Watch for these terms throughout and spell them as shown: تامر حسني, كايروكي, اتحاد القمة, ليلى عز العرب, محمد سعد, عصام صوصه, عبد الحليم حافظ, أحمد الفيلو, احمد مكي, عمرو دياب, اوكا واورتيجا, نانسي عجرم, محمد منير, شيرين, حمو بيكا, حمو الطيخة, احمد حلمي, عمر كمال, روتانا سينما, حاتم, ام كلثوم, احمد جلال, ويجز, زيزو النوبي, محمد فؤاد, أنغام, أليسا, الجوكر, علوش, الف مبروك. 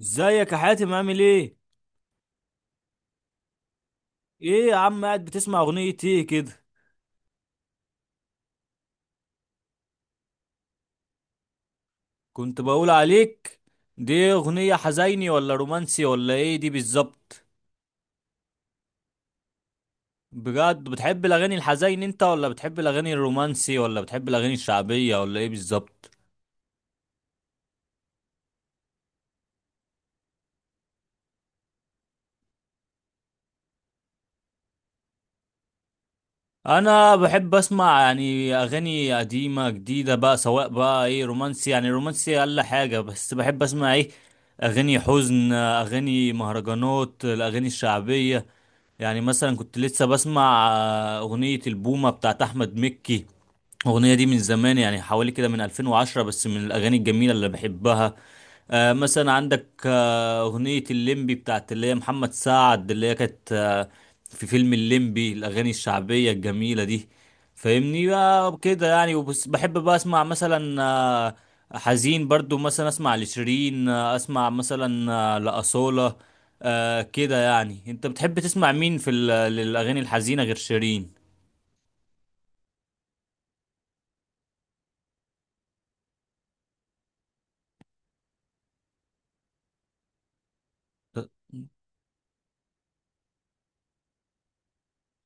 ازيك يا حاتم، عامل ايه؟ ايه يا عم، قاعد بتسمع اغنية ايه كده؟ كنت بقول عليك. دي اغنية حزيني ولا رومانسي ولا ايه دي بالظبط؟ بجد بتحب الاغاني الحزين انت، ولا بتحب الاغاني الرومانسي، ولا بتحب الاغاني الشعبية، ولا ايه بالظبط؟ انا بحب اسمع يعني اغاني قديمه جديده بقى، سواء بقى ايه رومانسي يعني رومانسي الا حاجه، بس بحب اسمع ايه اغاني حزن، اغاني مهرجانات، الاغاني الشعبيه. يعني مثلا كنت لسه بسمع اغنيه البومه بتاعت احمد مكي. الاغنيه دي من زمان يعني حوالي كده من 2010، بس من الاغاني الجميله اللي بحبها. مثلا عندك اغنية الليمبي بتاعت اللي هي محمد سعد، اللي هي كانت في فيلم الليمبي، الاغاني الشعبية الجميلة دي. فاهمني بقى كده يعني. وبس بحب بقى اسمع مثلا حزين برضو، مثلا اسمع لشيرين، اسمع مثلا لأصالة. كده يعني. انت بتحب تسمع مين في الاغاني الحزينة غير شيرين؟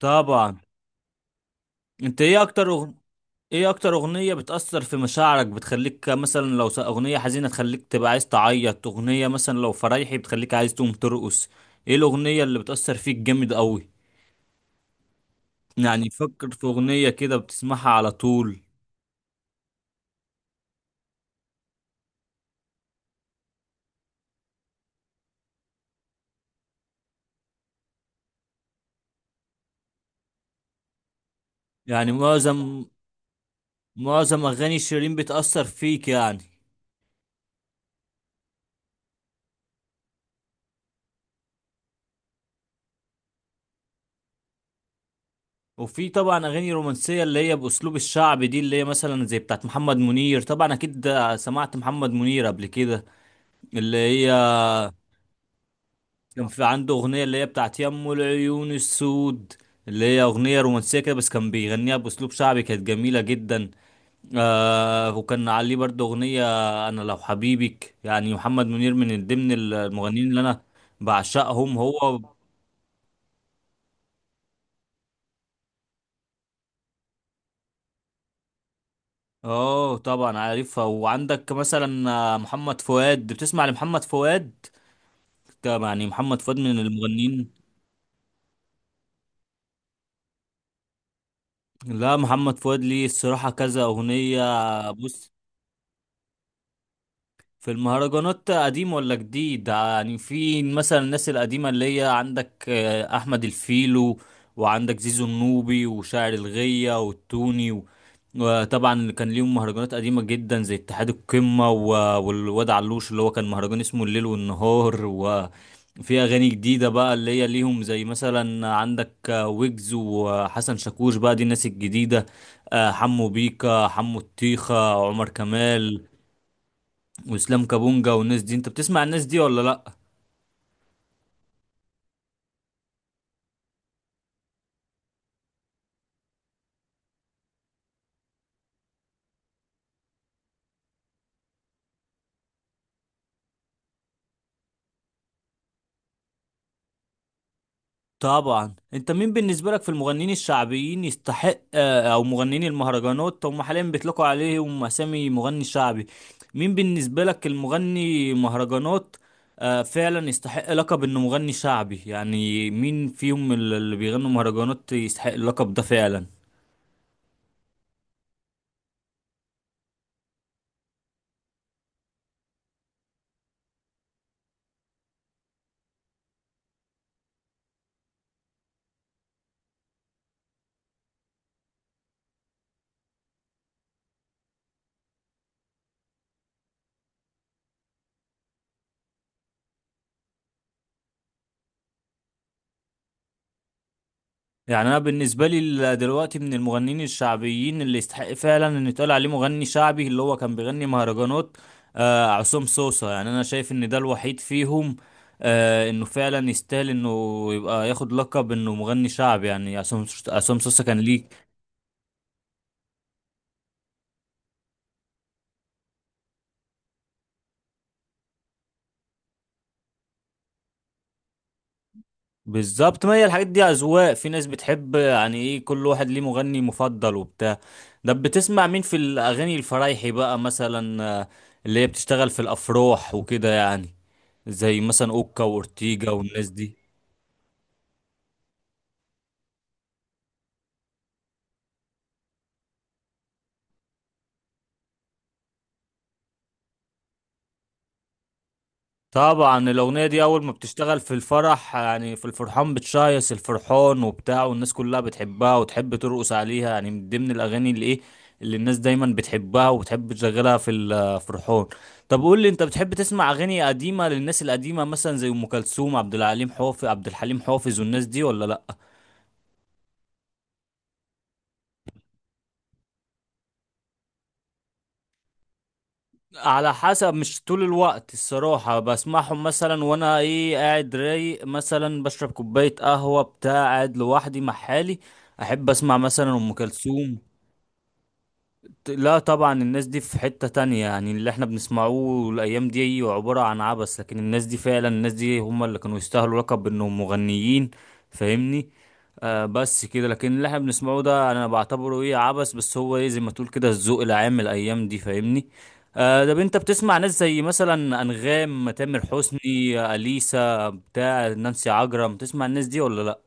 طبعا. انت ايه اكتر ايه اكتر اغنية بتأثر في مشاعرك، بتخليك مثلا لو اغنية حزينة تخليك تبقى عايز تعيط، اغنية مثلا لو فرايحي بتخليك عايز تقوم ترقص؟ ايه الاغنية اللي بتأثر فيك جامد قوي؟ يعني فكر في اغنية كده بتسمعها على طول. يعني معظم اغاني شيرين بتأثر فيك يعني. وفي طبعا اغاني رومانسية اللي هي باسلوب الشعب دي، اللي هي مثلا زي بتاعت محمد منير. طبعا اكيد سمعت محمد منير قبل كده، اللي هي كان في عنده أغنية اللي هي بتاعت يمو العيون السود، اللي هي أغنية رومانسية كده بس كان بيغنيها بأسلوب شعبي، كانت جميلة جدا. وكان عليه برضه أغنية أنا لو حبيبك. يعني محمد منير من ضمن المغنيين اللي أنا بعشقهم هو. اه طبعا عارفها. وعندك مثلا محمد فؤاد، بتسمع لمحمد فؤاد؟ طب يعني محمد فؤاد من المغنيين. لا محمد فؤاد ليه الصراحة كذا أغنية. بص، في المهرجانات قديم ولا جديد؟ يعني في مثلا الناس القديمة اللي هي عندك أحمد الفيلو، وعندك زيزو النوبي وشاعر الغية والتوني وطبعا اللي كان ليهم مهرجانات قديمة جدا زي اتحاد القمة والواد علوش اللي هو كان مهرجان اسمه الليل والنهار. وفي أغاني جديدة بقى اللي هي ليهم زي مثلا عندك ويجز وحسن شاكوش، بقى دي الناس الجديدة. حمو بيكا، حمو الطيخة، عمر كمال، واسلام كابونجا والناس دي. انت بتسمع الناس دي ولا لا؟ طبعا. انت مين بالنسبه لك في المغنيين الشعبيين يستحق، او مغنيين المهرجانات هم حاليا بيطلقوا عليهم اسامي مغني شعبي، مين بالنسبه لك المغني مهرجانات فعلا يستحق لقب انه مغني شعبي؟ يعني مين فيهم اللي بيغنوا مهرجانات يستحق اللقب ده فعلا؟ يعني انا بالنسبه لي دلوقتي من المغنيين الشعبيين اللي يستحق فعلا ان يتقال عليه مغني شعبي اللي هو كان بيغني مهرجانات، عصام صوصه. يعني انا شايف ان ده الوحيد فيهم، انه فعلا يستاهل انه يبقى ياخد لقب انه مغني شعبي. يعني عصام صوصه كان ليه بالظبط. ما هي الحاجات دي اذواق، في ناس بتحب، يعني ايه كل واحد ليه مغني مفضل وبتاع. ده بتسمع مين في الاغاني الفرايحي بقى، مثلا اللي هي بتشتغل في الافراح وكده يعني، زي مثلا اوكا واورتيجا والناس دي؟ طبعا الاغنيه دي اول ما بتشتغل في الفرح، يعني في الفرحان بتشيص الفرحان وبتاع، والناس كلها بتحبها وتحب ترقص عليها، يعني من ضمن الاغاني اللي ايه اللي الناس دايما بتحبها وبتحب تشغلها في الفرحان. طب قول لي، انت بتحب تسمع اغاني قديمه للناس القديمه مثلا زي ام كلثوم، عبد الحليم حافظ والناس دي ولا لا؟ على حسب. مش طول الوقت الصراحة بسمعهم، مثلا وانا ايه قاعد رايق، مثلا بشرب كوباية قهوة بتاع قاعد لوحدي مع حالي، احب اسمع مثلا ام كلثوم. لا طبعا الناس دي في حتة تانية، يعني اللي احنا بنسمعوه الأيام دي أيوة عبارة عن عبث، لكن الناس دي فعلا الناس دي هم اللي كانوا يستاهلوا لقب إنهم مغنيين. فاهمني. بس كده، لكن اللي احنا بنسمعه ده أنا بعتبره إيه عبث، بس هو إيه زي ما تقول كده الذوق العام الأيام دي، فاهمني. ده انت بتسمع ناس زي مثلا أنغام، تامر حسني، أليسا بتاع نانسي عجرم، تسمع الناس دي ولا لأ؟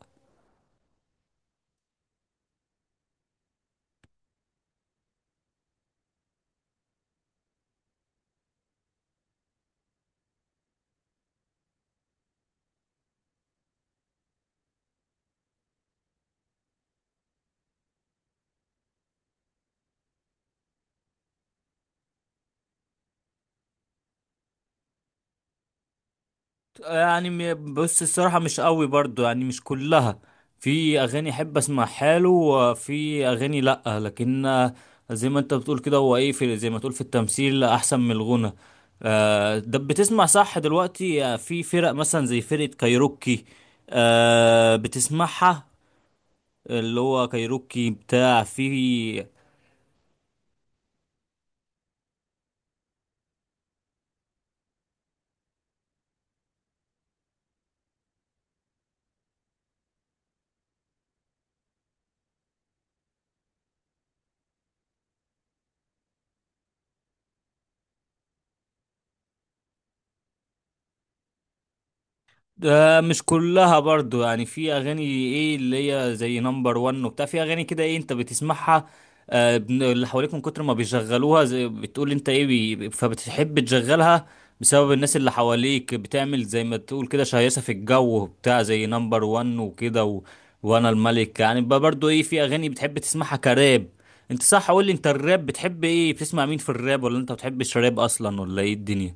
يعني بص الصراحة مش قوي برضو يعني، مش كلها. في أغاني أحب أسمع حاله وفي أغاني لأ، لكن زي ما أنت بتقول كده هو إيه، في زي ما تقول في التمثيل أحسن من الغنى. ده بتسمع صح دلوقتي في فرق مثلا زي فرقة كايروكي؟ بتسمعها؟ اللي هو كايروكي بتاع في. ده مش كلها برضو يعني، في اغاني ايه اللي هي زي نمبر وان وبتاع، في اغاني كده ايه انت بتسمعها. اللي حواليك من كتر ما بيشغلوها، زي بتقول انت ايه بي فبتحب تشغلها بسبب الناس اللي حواليك، بتعمل زي ما تقول كده شهيصة في الجو بتاع، زي نمبر وان وكده وانا الملك يعني. بقى برضو ايه في اغاني بتحب تسمعها كراب؟ انت صح، قول لي انت الراب بتحب ايه، بتسمع مين في الراب، ولا انت ما بتحبش راب اصلا ولا ايه الدنيا؟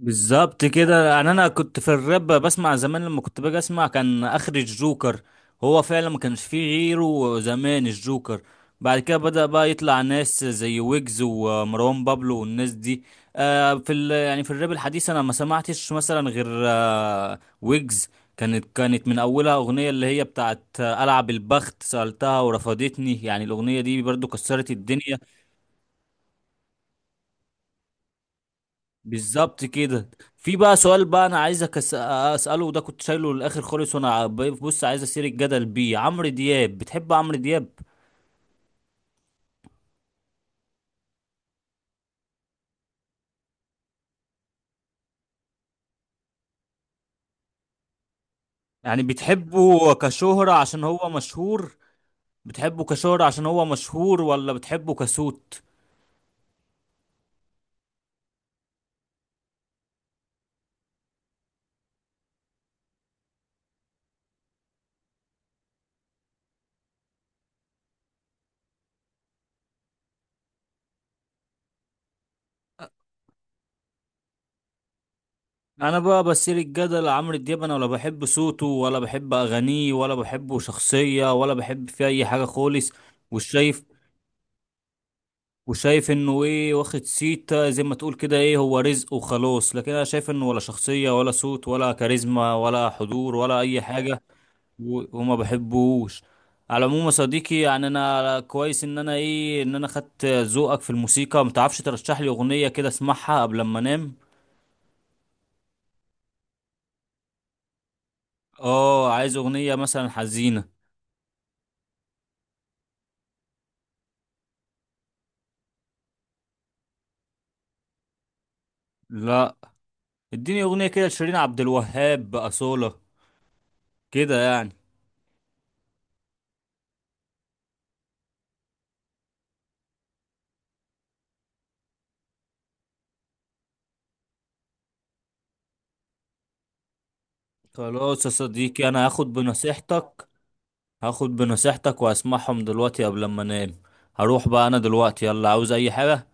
بالظبط كده. يعني انا كنت في الراب بسمع زمان، لما كنت باجي اسمع كان اخر الجوكر، هو فعلا ما كانش فيه غيره زمان الجوكر. بعد كده بدأ بقى يطلع ناس زي ويجز ومروان بابلو والناس دي. آه في ال يعني في الراب الحديث انا ما سمعتش مثلا غير ويجز. كانت من اولها اغنية اللي هي بتاعت العب البخت سألتها ورفضتني، يعني الاغنية دي برضو كسرت الدنيا. بالظبط كده. في بقى سؤال بقى انا عايزك اساله، وده كنت شايله للاخر خالص، وانا بص عايز اثير الجدل بيه، عمرو دياب. بتحب عمرو دياب؟ يعني بتحبه كشهرة عشان هو مشهور؟ بتحبه كشهرة عشان هو مشهور ولا بتحبه كصوت؟ انا بقى بثير الجدل عمرو دياب، انا ولا بحب صوته ولا بحب اغانيه ولا بحبه شخصية ولا بحب فيه اي حاجة خالص. والشايف، وشايف انه ايه واخد سيتا زي ما تقول كده، ايه هو رزق وخلاص، لكن انا شايف انه ولا شخصية ولا صوت ولا كاريزما ولا حضور ولا اي حاجة. وما بحبوش. على العموم يا صديقي، يعني انا كويس ان انا خدت ذوقك في الموسيقى. متعرفش ترشح لي اغنية كده اسمعها قبل ما انام؟ اه عايز اغنية مثلا حزينة. لا. اديني اغنية كده لشيرين عبد الوهاب بأصالة كده يعني. خلاص يا صديقي، انا هاخد بنصيحتك، هاخد بنصيحتك واسمعهم دلوقتي قبل ما انام. هروح بقى انا دلوقتي، يلا، عاوز اي حاجة.